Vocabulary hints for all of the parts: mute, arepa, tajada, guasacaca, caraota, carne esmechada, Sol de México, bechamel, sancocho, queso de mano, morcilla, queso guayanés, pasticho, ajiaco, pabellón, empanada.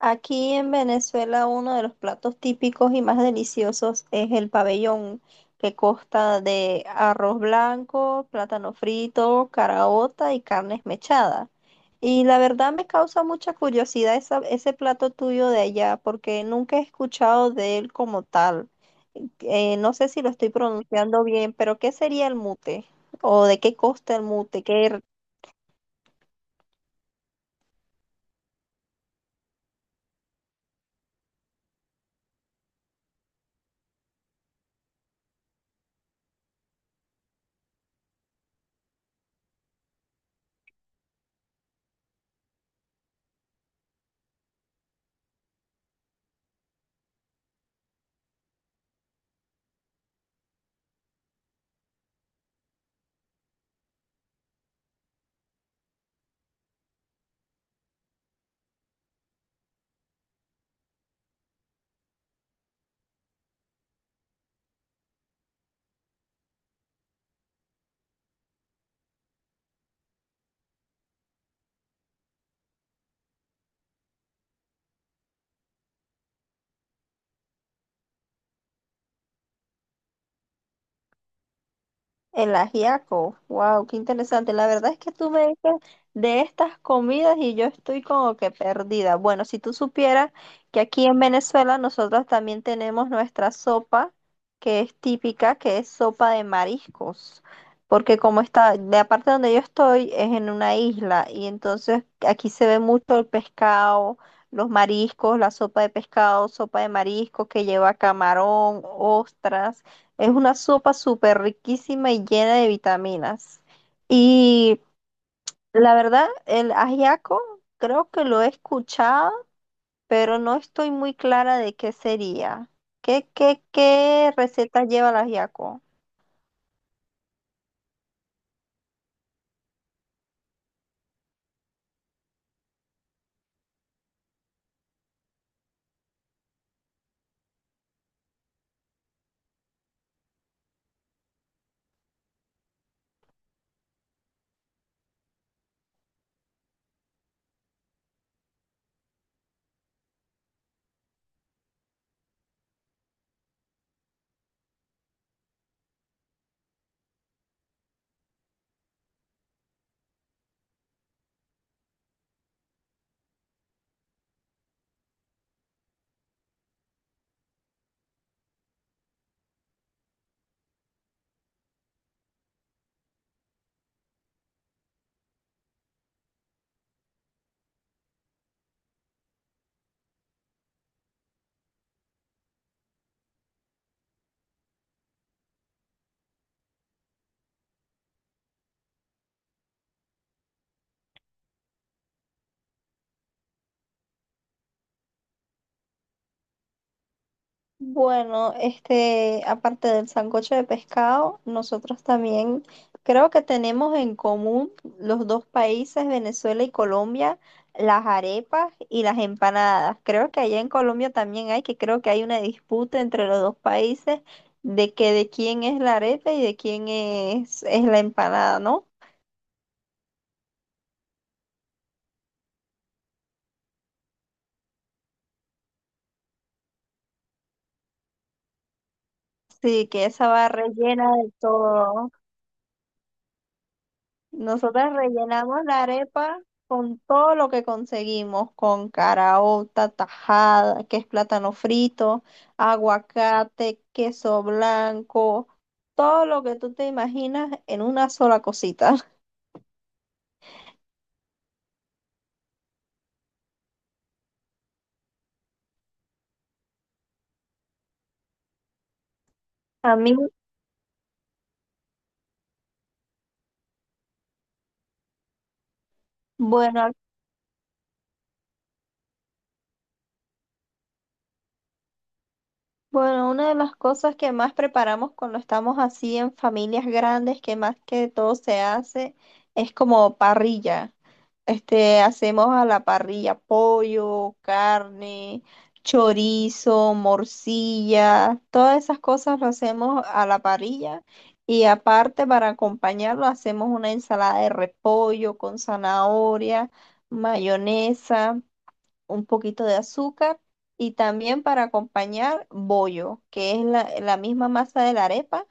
Aquí en Venezuela uno de los platos típicos y más deliciosos es el pabellón, que consta de arroz blanco, plátano frito, caraota y carne esmechada. Y la verdad me causa mucha curiosidad ese plato tuyo de allá, porque nunca he escuchado de él como tal. No sé si lo estoy pronunciando bien, pero ¿qué sería el mute? ¿O de qué costa el mute? ¿Qué? El ajiaco, wow, qué interesante. La verdad es que tú me dices de estas comidas y yo estoy como que perdida. Bueno, si tú supieras que aquí en Venezuela nosotros también tenemos nuestra sopa, que es típica, que es sopa de mariscos, porque como está, la parte donde yo estoy es en una isla y entonces aquí se ve mucho el pescado, los mariscos, la sopa de pescado, sopa de mariscos que lleva camarón, ostras. Es una sopa súper riquísima y llena de vitaminas. Y la verdad, el ajiaco creo que lo he escuchado, pero no estoy muy clara de qué sería. ¿Qué receta lleva el ajiaco? Bueno, este, aparte del sancocho de pescado, nosotros también creo que tenemos en común los dos países, Venezuela y Colombia, las arepas y las empanadas. Creo que allá en Colombia también hay, que creo que hay una disputa entre los dos países de que de quién es la arepa y de quién es la empanada, ¿no? Sí, que esa va rellena de todo, ¿no? Nosotras rellenamos la arepa con todo lo que conseguimos, con caraota, tajada, que es plátano frito, aguacate, queso blanco, todo lo que tú te imaginas en una sola cosita. A mí, bueno, a... Bueno, una de las cosas que más preparamos cuando estamos así en familias grandes, que más que todo se hace, es como parrilla. Este, hacemos a la parrilla pollo, carne, chorizo, morcilla, todas esas cosas lo hacemos a la parrilla. Y aparte, para acompañarlo, hacemos una ensalada de repollo con zanahoria, mayonesa, un poquito de azúcar y también para acompañar bollo, que es la misma masa de la arepa,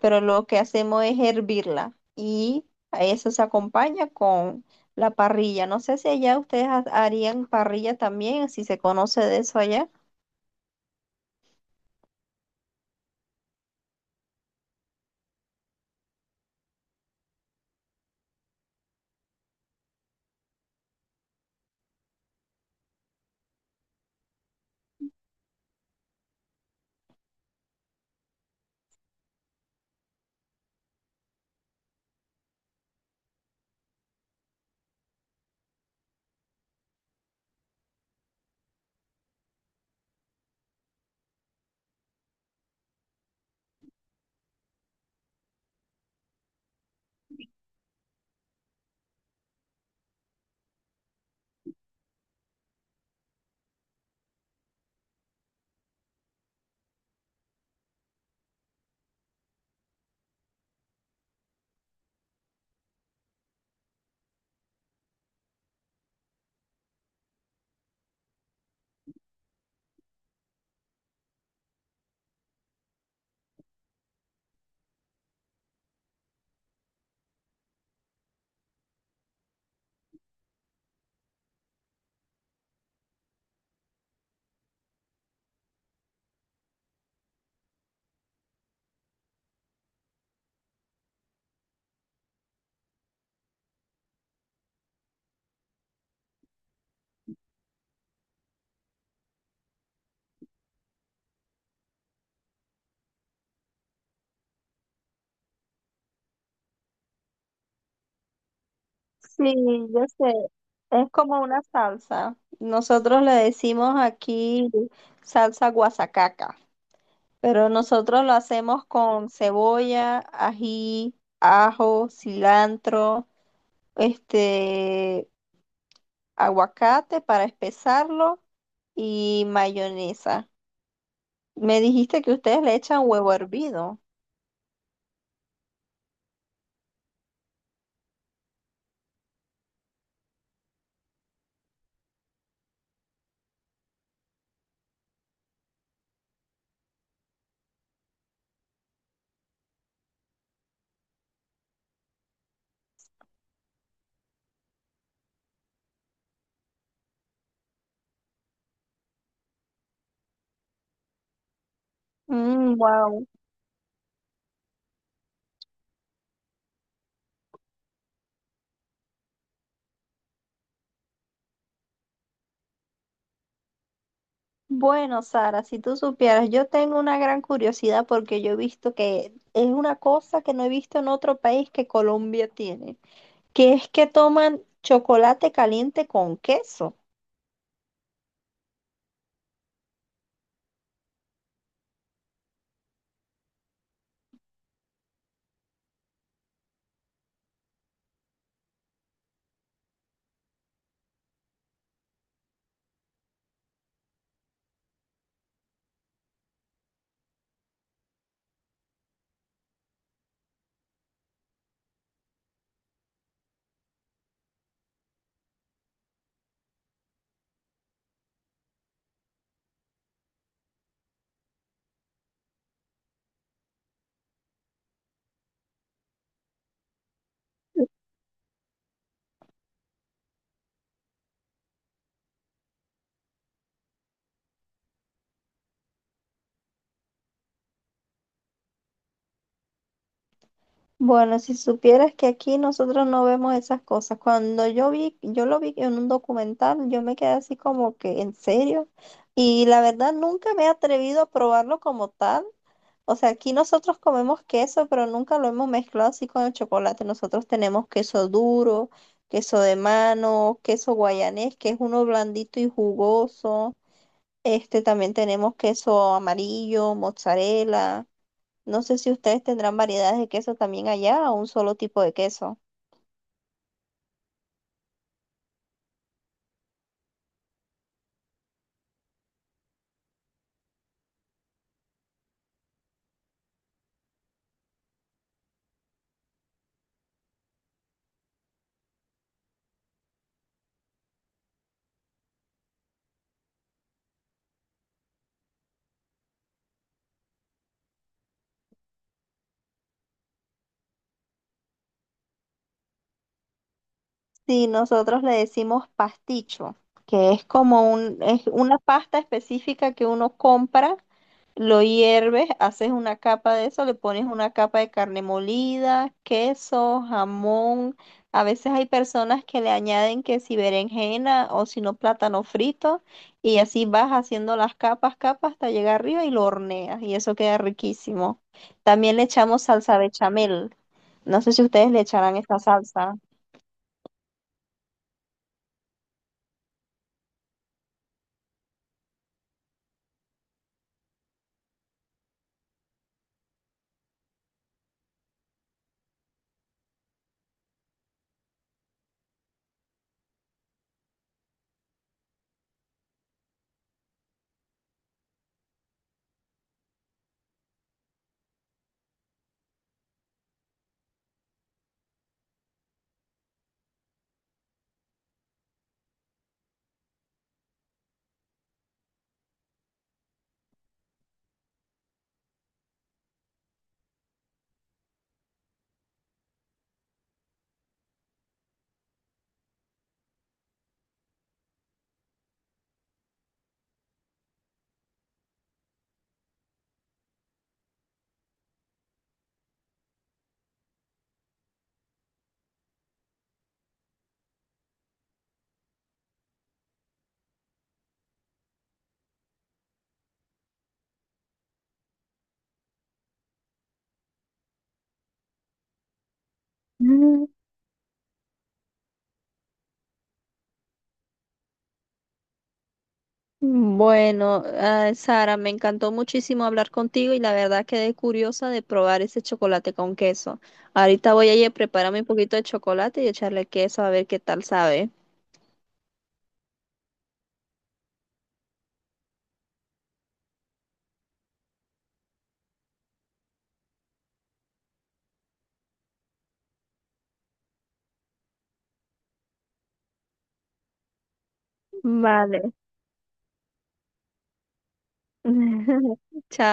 pero lo que hacemos es hervirla y a eso se acompaña con la parrilla. No sé si allá ustedes harían parrilla también, si se conoce de eso allá. Sí, yo sé. Es como una salsa. Nosotros le decimos aquí salsa guasacaca. Pero nosotros lo hacemos con cebolla, ají, ajo, cilantro, este, aguacate para espesarlo y mayonesa. Me dijiste que ustedes le echan huevo hervido. Mm, wow. Bueno, Sara, si tú supieras, yo tengo una gran curiosidad porque yo he visto que es una cosa que no he visto en otro país, que Colombia tiene, que es que toman chocolate caliente con queso. Bueno, si supieras que aquí nosotros no vemos esas cosas. Cuando yo vi, yo lo vi en un documental, yo me quedé así como que, ¿en serio? Y la verdad nunca me he atrevido a probarlo como tal. O sea, aquí nosotros comemos queso, pero nunca lo hemos mezclado así con el chocolate. Nosotros tenemos queso duro, queso de mano, queso guayanés, que es uno blandito y jugoso. Este también tenemos queso amarillo, mozzarella. No sé si ustedes tendrán variedades de queso también allá o un solo tipo de queso. Sí, nosotros le decimos pasticho, que es como un, es una pasta específica que uno compra. Lo hierves, haces una capa de eso, le pones una capa de carne molida, queso, jamón. A veces hay personas que le añaden que si berenjena o si no plátano frito y así vas haciendo las capas, capas hasta llegar arriba y lo horneas y eso queda riquísimo. También le echamos salsa bechamel. No sé si ustedes le echarán esta salsa. Bueno, ah, Sara, me encantó muchísimo hablar contigo y la verdad quedé curiosa de probar ese chocolate con queso. Ahorita voy a ir a prepararme un poquito de chocolate y echarle queso a ver qué tal sabe. Vale. Chao.